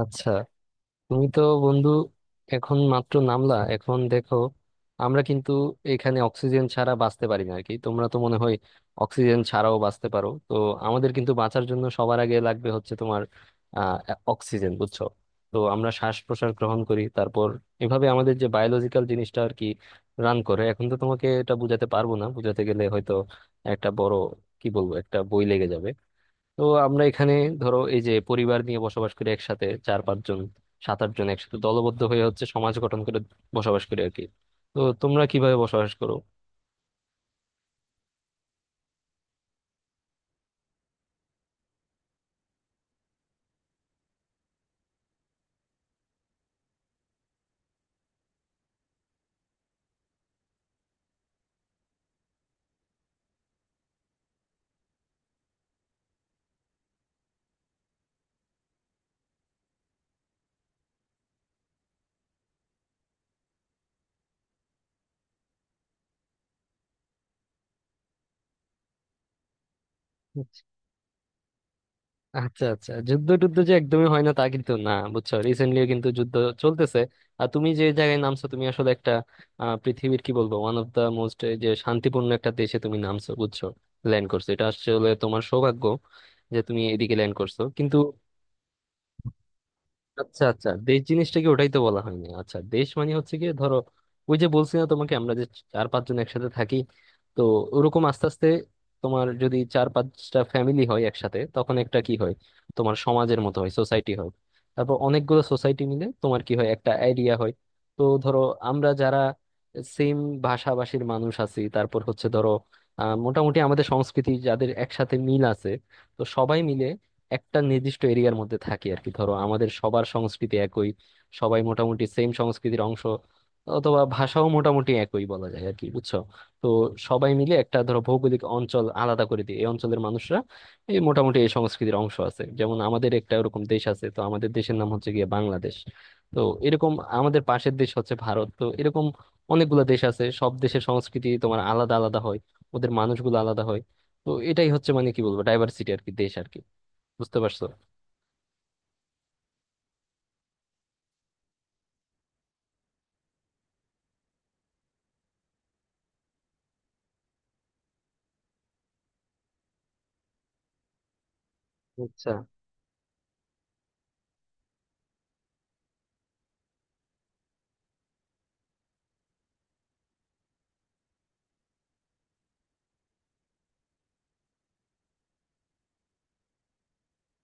আচ্ছা, তুমি তো বন্ধু এখন মাত্র নামলা। এখন দেখো, আমরা কিন্তু এখানে অক্সিজেন ছাড়া বাঁচতে পারি না আর কি। তোমরা তো মনে হয় অক্সিজেন ছাড়াও বাঁচতে পারো। তো আমাদের কিন্তু বাঁচার জন্য সবার আগে লাগবে হচ্ছে তোমার আহ অক্সিজেন, বুঝছো? তো আমরা শ্বাস প্রশ্বাস গ্রহণ করি, তারপর এভাবে আমাদের যে বায়োলজিক্যাল জিনিসটা আর কি রান করে। এখন তো তোমাকে এটা বুঝাতে পারবো না, বুঝাতে গেলে হয়তো একটা বড়, কি বলবো, একটা বই লেগে যাবে। তো আমরা এখানে ধরো এই যে পরিবার নিয়ে বসবাস করি একসাথে, চার পাঁচজন সাত আট জন একসাথে দলবদ্ধ হয়ে হচ্ছে সমাজ গঠন করে বসবাস করি আর কি। তো তোমরা কিভাবে বসবাস করো? আচ্ছা আচ্ছা, যুদ্ধ টুদ্ধ যে একদমই হয় না তা কিন্তু না, বুঝছো, রিসেন্টলিও কিন্তু যুদ্ধ চলতেছে। আর তুমি যে জায়গায় নামছো তুমি আসলে একটা পৃথিবীর, কি বলবো, ওয়ান অফ দা মোস্ট যে শান্তিপূর্ণ একটা দেশে তুমি নামছো, বুঝছো, ল্যান্ড করছো। এটা আসলে তোমার সৌভাগ্য যে তুমি এদিকে ল্যান্ড করছো, কিন্তু আচ্ছা আচ্ছা, দেশ জিনিসটাকে ওটাই তো বলা হয়নি। আচ্ছা, দেশ মানে হচ্ছে কি ধরো, ওই যে বলছি না তোমাকে আমরা যে চার পাঁচজন একসাথে থাকি, তো ওরকম আস্তে আস্তে তোমার যদি চার পাঁচটা ফ্যামিলি হয় একসাথে তখন একটা কি হয়, তোমার সমাজের মতো হয়, সোসাইটি হয়। তারপর অনেকগুলো সোসাইটি মিলে তোমার কি হয়, একটা এরিয়া হয়। তো ধরো, আমরা যারা সেম ভাষাভাষীর মানুষ আছি, তারপর হচ্ছে ধরো মোটামুটি আমাদের সংস্কৃতি যাদের একসাথে মিল আছে, তো সবাই মিলে একটা নির্দিষ্ট এরিয়ার মধ্যে থাকি আর কি। ধরো আমাদের সবার সংস্কৃতি একই, সবাই মোটামুটি সেম সংস্কৃতির অংশ, অথবা ভাষাও মোটামুটি একই বলা যায় আর কি, বুঝছো। তো সবাই মিলে একটা ধরো ভৌগোলিক অঞ্চল আলাদা করে দিই, এই অঞ্চলের মানুষরা এই মোটামুটি এই সংস্কৃতির অংশ আছে। যেমন আমাদের একটা এরকম দেশ আছে, তো আমাদের দেশের নাম হচ্ছে গিয়ে বাংলাদেশ। তো এরকম আমাদের পাশের দেশ হচ্ছে ভারত। তো এরকম অনেকগুলো দেশ আছে, সব দেশের সংস্কৃতি তোমার আলাদা আলাদা হয়, ওদের মানুষগুলো আলাদা হয়। তো এটাই হচ্ছে, মানে কি বলবো, ডাইভার্সিটি আর কি, দেশ আর কি। বুঝতে পারছো? আচ্ছা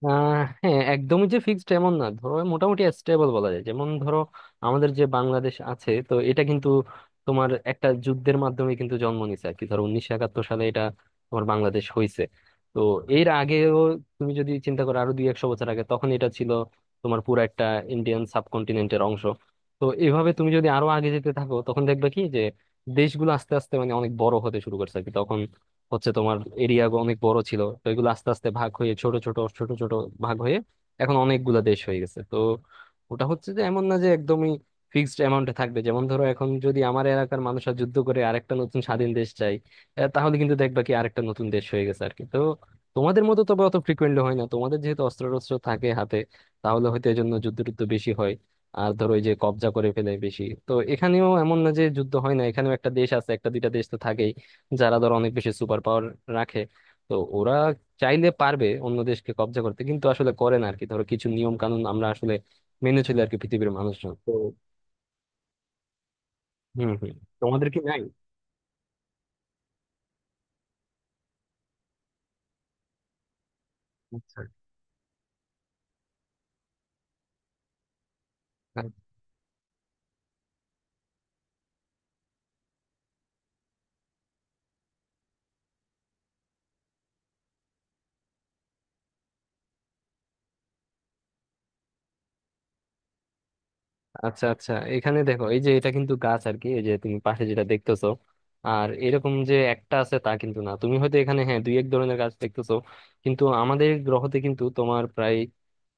হ্যাঁ, একদমই যে ফিক্সড এমন না, ধরো মোটামুটি স্টেবল বলা যায়। যেমন ধরো আমাদের যে বাংলাদেশ আছে, তো এটা কিন্তু তোমার একটা যুদ্ধের মাধ্যমে কিন্তু জন্ম নিছে আর কি। ধরো 1971 সালে এটা তোমার বাংলাদেশ হয়েছে। তো এর আগেও তুমি যদি চিন্তা করো আরো দুই একশো বছর আগে, তখন এটা ছিল তোমার পুরো একটা ইন্ডিয়ান সাবকন্টিনেন্টের অংশ। তো এভাবে তুমি যদি আরো আগে যেতে থাকো তখন দেখবে কি যে, দেশগুলো আস্তে আস্তে মানে অনেক বড় হতে শুরু করছে আর কি, তখন হচ্ছে তোমার এরিয়া অনেক বড় ছিল। তো এগুলো আস্তে আস্তে ভাগ হয়ে ছোট ছোট ছোট ছোট ভাগ হয়ে এখন অনেকগুলা দেশ হয়ে গেছে। তো ওটা হচ্ছে যে এমন না যে একদমই ফিক্সড অ্যামাউন্টে থাকবে। যেমন ধরো এখন যদি আমার এলাকার মানুষরা যুদ্ধ করে আরেকটা নতুন স্বাধীন দেশ চাই, তাহলে কিন্তু দেখবা কি আরেকটা নতুন দেশ হয়ে গেছে আর কি। তো তোমাদের মতো তবে অত ফ্রিকুয়েন্টলি হয় না। তোমাদের যেহেতু অস্ত্র টস্ত্র থাকে হাতে তাহলে হয়তো এই জন্য যুদ্ধ টুদ্ধ বেশি হয়, আর ধরো এই যে কবজা করে ফেলে বেশি। তো এখানেও এমন না যে যুদ্ধ হয় না, এখানেও একটা দেশ আছে, একটা দুইটা দেশ তো থাকেই যারা ধর অনেক বেশি সুপার পাওয়ার রাখে। তো ওরা চাইলে পারবে অন্য দেশকে কব্জা করতে, কিন্তু আসলে করে না আর কি। ধরো কিছু নিয়ম কানুন আমরা আসলে মেনে চলি আর কি, পৃথিবীর মানুষজন তো। হম হম। তোমাদের কি নাই? আচ্ছা আচ্ছা। আচ্ছা, এখানে দেখো এই যে এটা কিন্তু গাছ আর কি, এই যে তুমি পাশে যেটা দেখতেছো। আর এরকম যে একটা আছে তা কিন্তু না, তুমি হয়তো এখানে হ্যাঁ দুই এক ধরনের গাছ দেখতেছো, কিন্তু আমাদের গ্রহতে কিন্তু তোমার প্রায়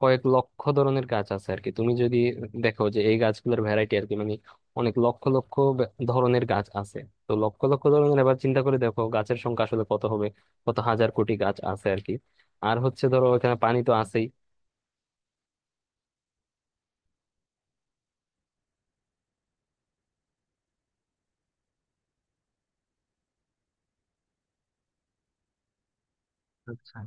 কয়েক লক্ষ ধরনের গাছ আছে আর কি। তুমি যদি দেখো যে এই গাছগুলোর ভ্যারাইটি আর কি, মানে অনেক লক্ষ লক্ষ ধরনের গাছ আছে। তো লক্ষ লক্ষ ধরনের, এবার চিন্তা করে দেখো গাছের সংখ্যা আসলে কত হবে, কত হাজার কোটি গাছ আছে আর কি। আর হচ্ছে ধরো এখানে পানি তো আছেই। আচ্ছা।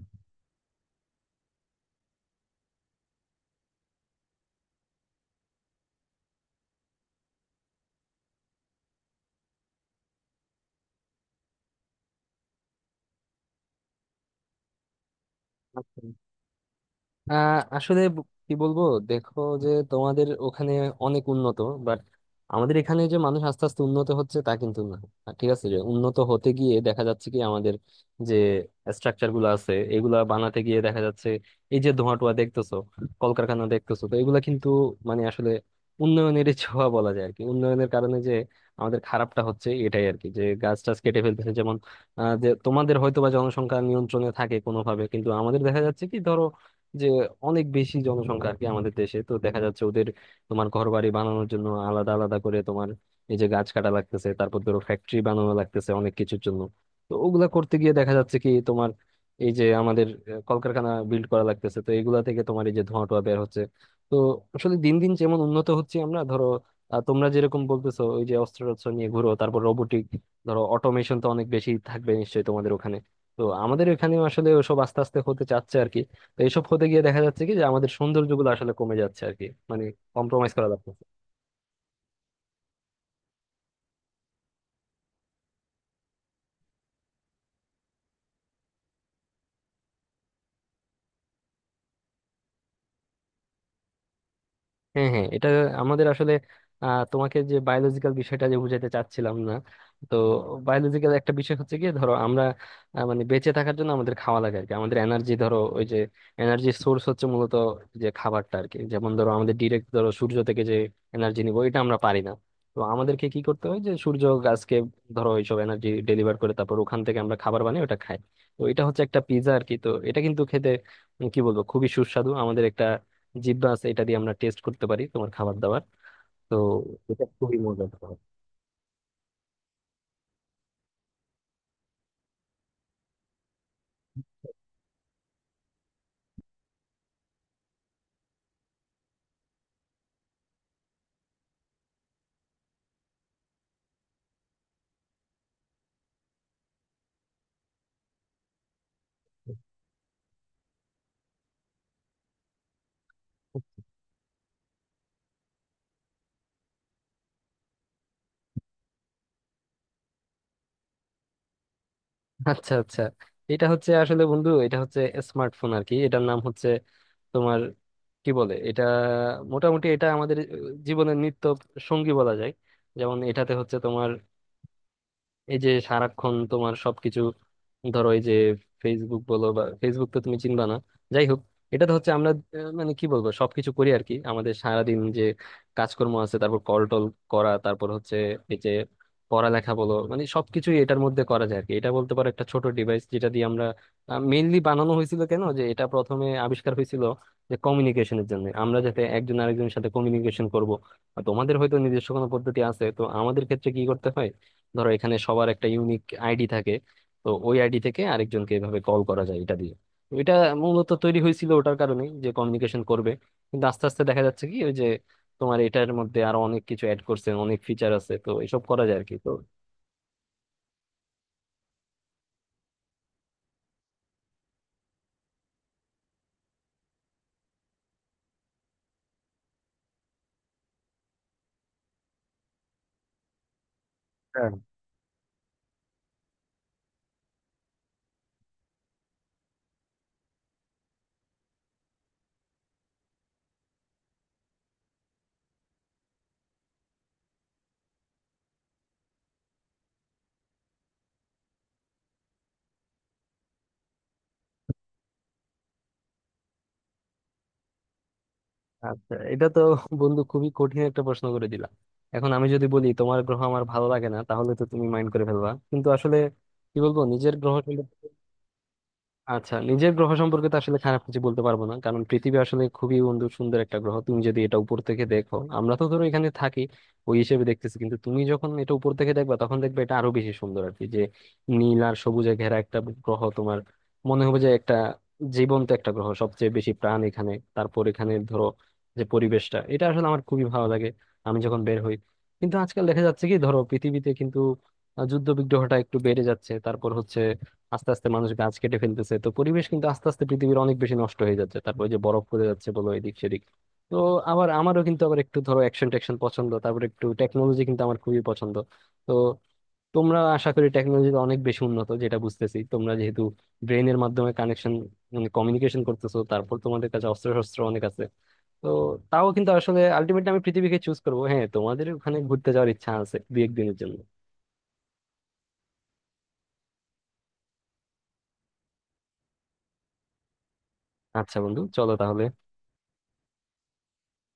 আসলে কি বলবো, দেখো যে তোমাদের ওখানে অনেক উন্নত, বাট আমাদের এখানে যে মানুষ আস্তে আস্তে উন্নত হচ্ছে তা কিন্তু না। আর ঠিক আছে, যে উন্নত হতে গিয়ে দেখা যাচ্ছে কি, আমাদের যে স্ট্রাকচার গুলো আছে এগুলা বানাতে গিয়ে দেখা যাচ্ছে এই যে ধোঁয়া টোয়া দেখতেছো, কলকারখানা দেখতেছো, তো এগুলা কিন্তু মানে আসলে উন্নয়নের ছোঁয়া বলা যায় আর কি। উন্নয়নের কারণে যে আমাদের খারাপটা হচ্ছে এটাই আর কি, যে গাছ টাছ কেটে ফেলতেছে। যেমন, যে তোমাদের হয়তো বা জনসংখ্যা নিয়ন্ত্রণে থাকে কোনোভাবে, কিন্তু আমাদের দেখা যাচ্ছে কি ধরো যে অনেক বেশি জনসংখ্যা আর কি আমাদের দেশে। তো দেখা যাচ্ছে ওদের তোমার ঘর বাড়ি বানানোর জন্য আলাদা আলাদা করে তোমার এই যে গাছ কাটা লাগতেছে, তারপর ধরো ফ্যাক্টরি বানানো লাগতেছে অনেক কিছুর জন্য। তো ওগুলা করতে গিয়ে দেখা যাচ্ছে কি তোমার এই যে আমাদের কলকারখানা বিল্ড করা লাগতেছে, তো এগুলা থেকে তোমার এই যে ধোঁয়া টোয়া বের হচ্ছে। তো আসলে দিন দিন যেমন উন্নত হচ্ছে আমরা, ধরো তোমরা যেরকম বলতেছো ওই যে অস্ত্র টস্ত্র নিয়ে ঘুরো, তারপর রোবোটিক ধরো অটোমেশন তো অনেক বেশি থাকবে নিশ্চয়ই তোমাদের ওখানে। তো আমাদের এখানে আসলে ওসব আস্তে আস্তে হতে চাচ্ছে আর কি। তো এইসব হতে গিয়ে দেখা যাচ্ছে কি যে আমাদের সৌন্দর্যগুলো আসলে কমে যাচ্ছে আর কি, মানে কম্প্রোমাইজ করা লাগছে। হ্যাঁ হ্যাঁ, এটা আমাদের আসলে তোমাকে যে বায়োলজিক্যাল বিষয়টা যে বুঝাইতে চাচ্ছিলাম না, তো বায়োলজিক্যাল একটা বিষয় হচ্ছে কি ধরো আমরা, মানে বেঁচে থাকার জন্য আমাদের খাওয়া লাগে আর কি। আমাদের এনার্জি ধরো ওই যে এনার্জি সোর্স হচ্ছে মূলত যে খাবারটা আর কি। যেমন ধরো আমাদের ডিরেক্ট ধরো সূর্য থেকে যে এনার্জি নিবো এটা আমরা পারি না। তো আমাদেরকে কি করতে হয় যে সূর্য গাছকে ধরো এইসব এনার্জি ডেলিভার করে, তারপর ওখান থেকে আমরা খাবার বানিয়ে ওটা খাই। তো এটা হচ্ছে একটা পিৎজা আর কি। তো এটা কিন্তু খেতে কি বলবো, খুবই সুস্বাদু। আমাদের একটা জিব্বা আছে, এটা দিয়ে আমরা টেস্ট করতে পারি তোমার খাবার দাবার। তো এটা খুবই মজার ব্যাপার। আচ্ছা আচ্ছা, এটা হচ্ছে আসলে বন্ধু, এটা হচ্ছে স্মার্টফোন আর কি। এটার নাম হচ্ছে তোমার কি বলে এটা, মোটামুটি এটা আমাদের জীবনের নিত্য সঙ্গী বলা যায়। যেমন এটাতে হচ্ছে তোমার এই যে সারাক্ষণ তোমার সবকিছু, ধরো এই যে ফেসবুক বলো বা, ফেসবুক তো তুমি চিনবা না, যাই হোক। এটা তো হচ্ছে আমরা মানে কি বলবো সবকিছু করি আর কি। আমাদের সারাদিন যে কাজকর্ম আছে, তারপর কল টল করা, তারপর হচ্ছে এই যে পড়ালেখা বলো, মানে সবকিছুই এটার মধ্যে করা যায় আর কি। এটা বলতে পারো একটা ছোট ডিভাইস যেটা দিয়ে আমরা মেইনলি বানানো হয়েছিল, কেন যে এটা প্রথমে আবিষ্কার হয়েছিল যে কমিউনিকেশনের জন্য, আমরা যাতে একজন আরেকজনের সাথে কমিউনিকেশন করব। আর তোমাদের হয়তো নিজস্ব কোনো পদ্ধতি আছে, তো আমাদের ক্ষেত্রে কি করতে হয়, ধরো এখানে সবার একটা ইউনিক আইডি থাকে। তো ওই আইডি থেকে আরেকজনকে এভাবে কল করা যায় এটা দিয়ে। তো এটা মূলত তৈরি হয়েছিল ওটার কারণেই যে কমিউনিকেশন করবে, কিন্তু আস্তে আস্তে দেখা যাচ্ছে কি ওই যে তোমার এটার মধ্যে আরো অনেক কিছু অ্যাড করছে, অনেক ফিচার আছে, তো এসব করা যায় আর কি। তো হ্যাঁ। আচ্ছা, এটা তো বন্ধু খুবই কঠিন একটা প্রশ্ন করে দিলাম। এখন আমি যদি বলি তোমার গ্রহ আমার ভালো লাগে না তাহলে তো তুমি মাইন্ড করে ফেলবা, কিন্তু আসলে কি বলবো নিজের গ্রহ। আচ্ছা, নিজের গ্রহ সম্পর্কে তো আসলে খারাপ কিছু বলতে পারবো না, কারণ পৃথিবী আসলে খুবই বন্ধু সুন্দর একটা গ্রহ। তুমি যদি এটা উপর থেকে দেখো, আমরা তো ধরো এখানে থাকি ওই হিসেবে দেখতেছি, কিন্তু তুমি যখন এটা উপর থেকে দেখবা তখন দেখবে এটা আরো বেশি সুন্দর আর কি, যে নীল আর সবুজে ঘেরা একটা গ্রহ। তোমার মনে হবে যে একটা জীবন্ত একটা গ্রহ, সবচেয়ে বেশি প্রাণ এখানে। তারপর এখানে ধরো যে পরিবেশটা, এটা আসলে আমার খুবই ভালো লাগে। আমি যখন বের হই, কিন্তু আজকাল দেখা যাচ্ছে কি ধরো পৃথিবীতে কিন্তু যুদ্ধ বিগ্রহটা একটু বেড়ে যাচ্ছে, তারপর হচ্ছে আস্তে আস্তে মানুষ গাছ কেটে ফেলতেছে, তো পরিবেশ কিন্তু আস্তে আস্তে পৃথিবীর অনেক বেশি নষ্ট হয়ে যাচ্ছে। তারপর ওই যে বরফ পড়ে যাচ্ছে বলো এদিক সেদিক। তো আবার আমারও কিন্তু আবার একটু ধরো অ্যাকশন ট্যাকশন পছন্দ, তারপর একটু টেকনোলজি কিন্তু আমার খুবই পছন্দ। তো তোমরা আশা করি টেকনোলজিতে অনেক বেশি উন্নত যেটা বুঝতেছি, তোমরা যেহেতু ব্রেনের মাধ্যমে কানেকশন মানে কমিউনিকেশন করতেছো, তারপর তোমাদের কাছে অস্ত্র শস্ত্র অনেক আছে। তো তাও কিন্তু আসলে আলটিমেটলি আমি পৃথিবীকে চুজ করবো। হ্যাঁ, তোমাদের ওখানে ঘুরতে যাওয়ার ইচ্ছা আছে দু একদিনের জন্য। আচ্ছা বন্ধু, চলো তাহলে।